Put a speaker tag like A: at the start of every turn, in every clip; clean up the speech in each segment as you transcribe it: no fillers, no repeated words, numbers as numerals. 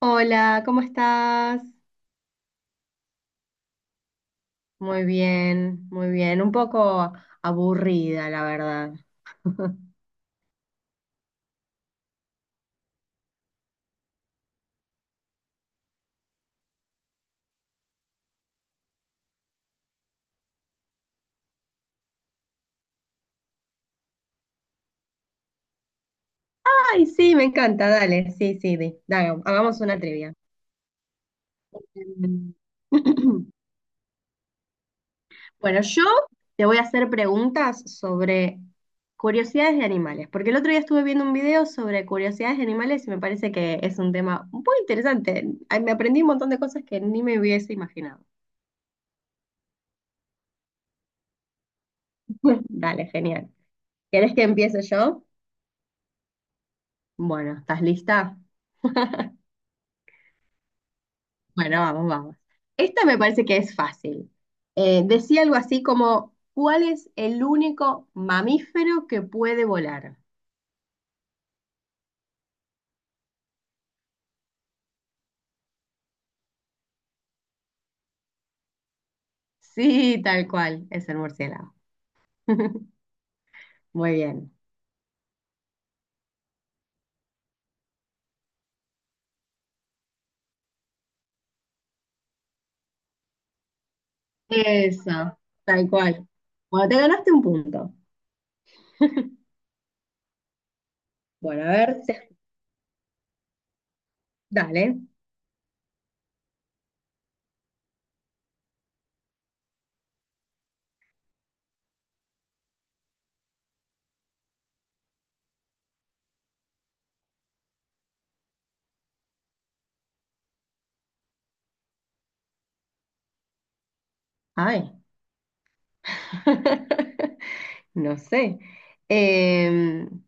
A: Hola, ¿cómo estás? Muy bien, muy bien. Un poco aburrida, la verdad. Ay, sí, me encanta, dale, sí, sí, dale, hagamos una trivia. Mm. Bueno, yo te voy a hacer preguntas sobre curiosidades de animales, porque el otro día estuve viendo un video sobre curiosidades de animales y me parece que es un tema muy interesante. Ay, me aprendí un montón de cosas que ni me hubiese imaginado. Dale, genial. ¿Querés que empiece yo? Bueno, ¿estás lista? Bueno, vamos, vamos. Esta me parece que es fácil. Decía algo así como, ¿cuál es el único mamífero que puede volar? Sí, tal cual, es el murciélago. Muy bien. Eso, tal cual. Bueno, te ganaste un punto. Bueno, a ver, dale. Ay, no sé. Em,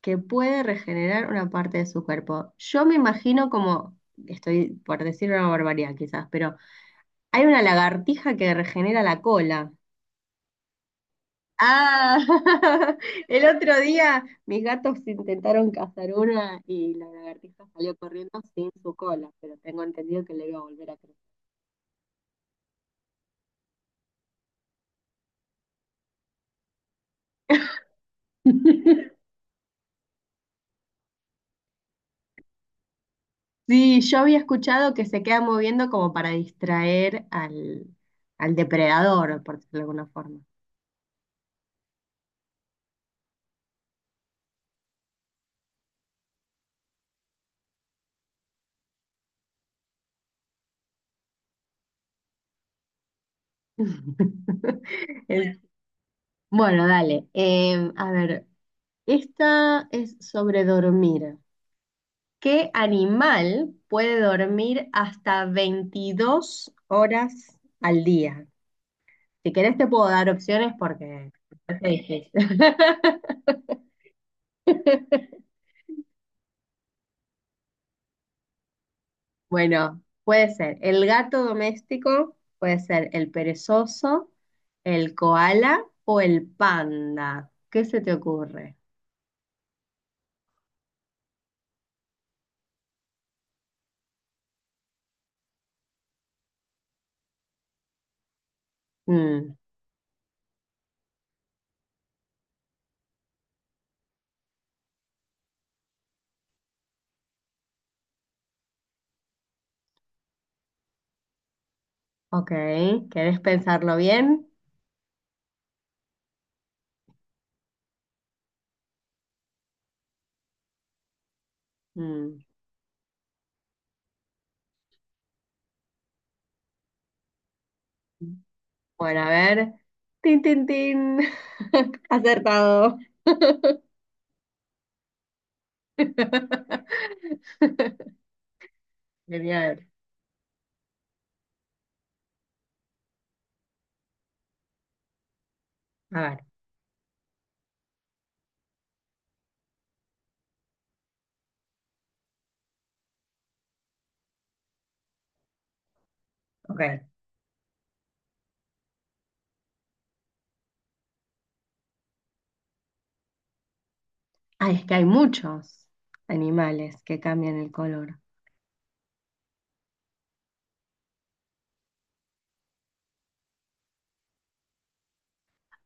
A: que puede regenerar una parte de su cuerpo. Yo me imagino como, estoy por decir una barbaridad quizás, pero hay una lagartija que regenera la cola. Ah, el otro día mis gatos intentaron cazar una y la lagartija salió corriendo sin su cola, pero tengo entendido que le iba a volver a crecer. Sí, yo había escuchado que se queda moviendo como para distraer al, al depredador, por decirlo de alguna forma. El Bueno, dale. A ver, esta es sobre dormir. ¿Qué animal puede dormir hasta 22 horas al día? Si querés te puedo dar opciones porque es difícil. Bueno, puede ser el gato doméstico, puede ser el perezoso, el koala o el panda. ¿Qué se te ocurre? Mm, ok, ¿querés pensarlo bien? Mm. Bueno, a ver. Tin, tin, tin. Acertado. Genial. A ver, ok. Ay, es que hay muchos animales que cambian el color.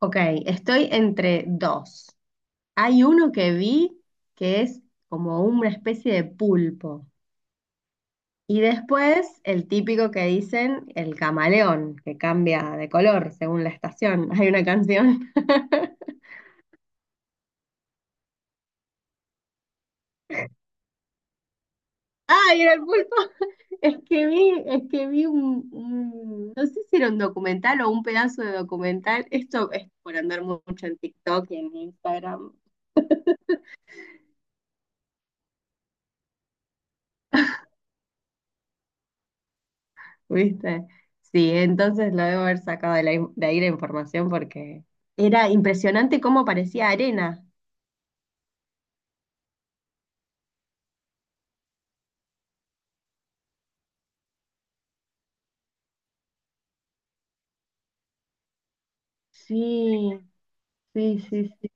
A: Ok, estoy entre dos. Hay uno que vi que es como una especie de pulpo. Y después el típico que dicen el camaleón, que cambia de color según la estación. Hay una canción. Ah, y era el pulpo. Es que vi un, no sé si era un documental o un pedazo de documental. Esto es por andar mucho en TikTok y en Instagram, ¿viste? Sí, entonces lo debo haber sacado de, de ahí la información porque era impresionante cómo parecía arena. Sí, sí, sí, sí,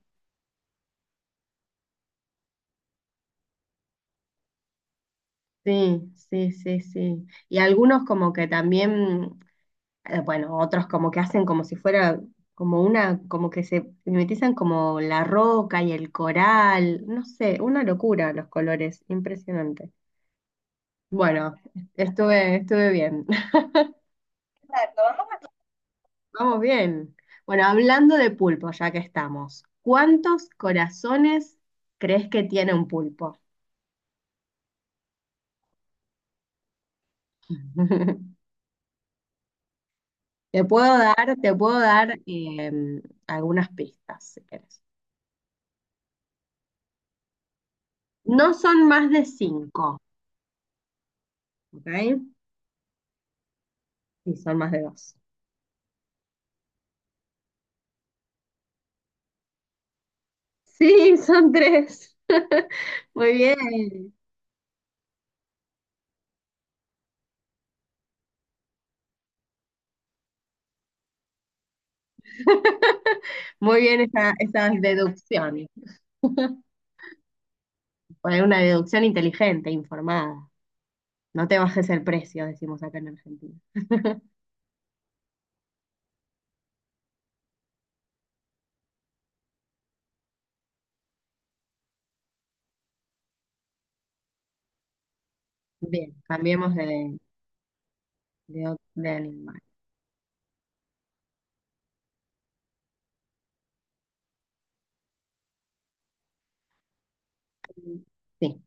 A: sí, sí, sí, sí. Y algunos como que también bueno, otros como que hacen como si fuera, como una, como que se mimetizan como la roca y el coral, no sé, una locura los colores, impresionante. Bueno, estuve, estuve bien. Exacto, vamos bien. Bueno, hablando de pulpo, ya que estamos, ¿cuántos corazones crees que tiene un pulpo? Te puedo dar algunas pistas, si querés. No son más de cinco, ¿ok? Sí, son más de dos. Sí, son tres. Muy bien, muy bien esas deducciones. Fue una deducción inteligente, informada. No te bajes el precio, decimos acá en Argentina. Bien, cambiemos de, de animal. Sí,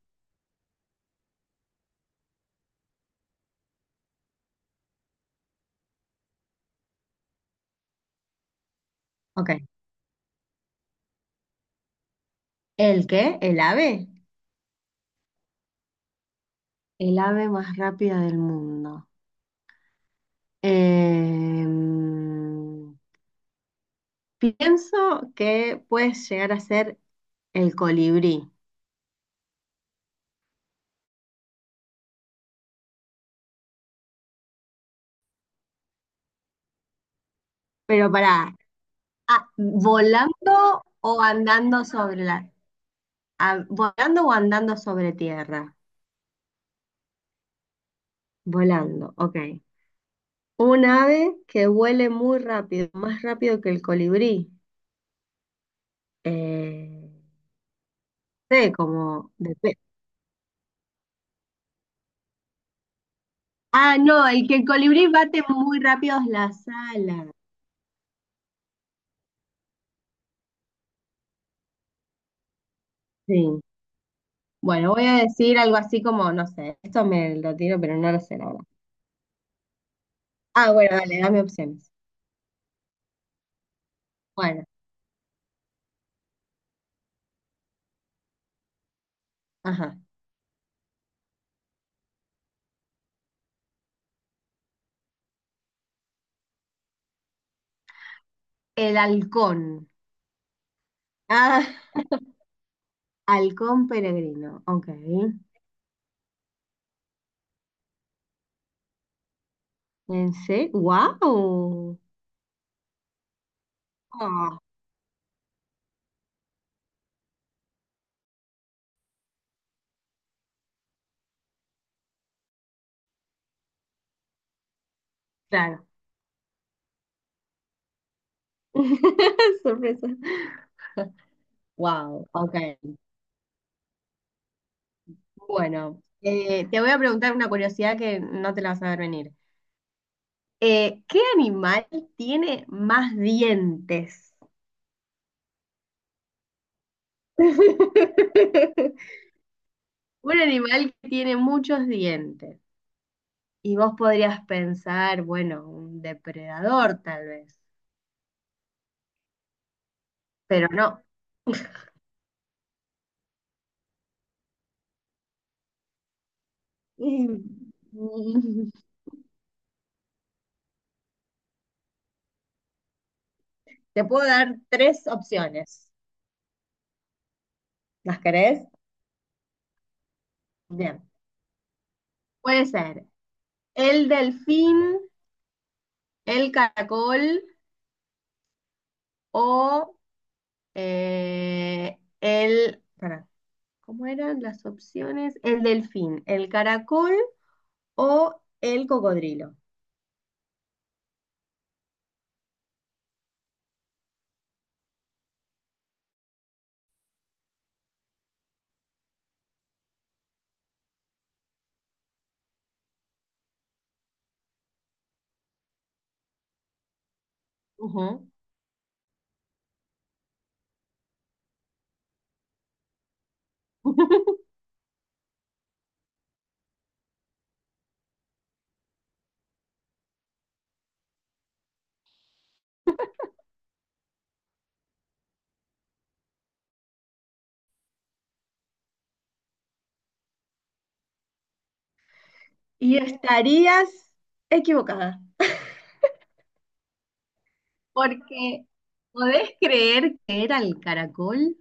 A: ok. ¿El qué? ¿El ave? El ave más rápida del mundo. Em, Pienso que puedes llegar a ser el colibrí. Pero pará. Ah, ¿volando o andando sobre la... Ah, ¿volando o andando sobre tierra? Volando, ok. Un ave que vuele muy rápido, más rápido que el colibrí. Eh, no sé, como Ah, no, el que el colibrí bate muy rápido las alas. Sí. Bueno, voy a decir algo así como, no sé, esto me lo tiro, pero no lo sé, la verdad. Ah, bueno, dale, dame opciones. Bueno, ajá. El halcón. Ah, halcón peregrino, ok. Pensé, wow. Ah, claro. Sorpresa. Wow, ok. Bueno, te voy a preguntar una curiosidad que no te la vas a ver venir. ¿Qué animal tiene más dientes? Un animal que tiene muchos dientes. Y vos podrías pensar, bueno, un depredador tal vez, pero no. Te puedo dar tres opciones. ¿Las querés? Bien. Puede ser el delfín, el caracol o pará, ¿cómo eran las opciones? El delfín, el caracol o el cocodrilo. Ujú. Y estarías equivocada. Porque, ¿podés creer que era el caracol?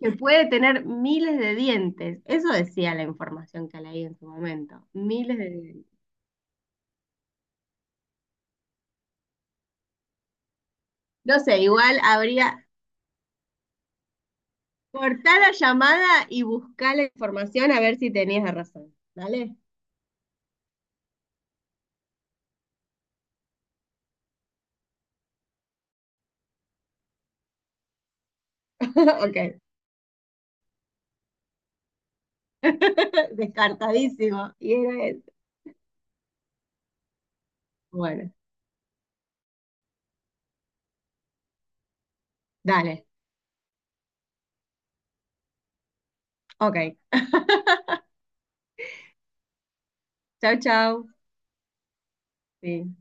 A: Que puede tener miles de dientes. Eso decía la información que leí en su momento. Miles de dientes. No sé, igual habría. Cortá la llamada y buscá la información a ver si tenías razón. ¿Dale? Ok. Descartadísimo. Y era eso. Bueno, dale. Ok. Chau, chau. Sí.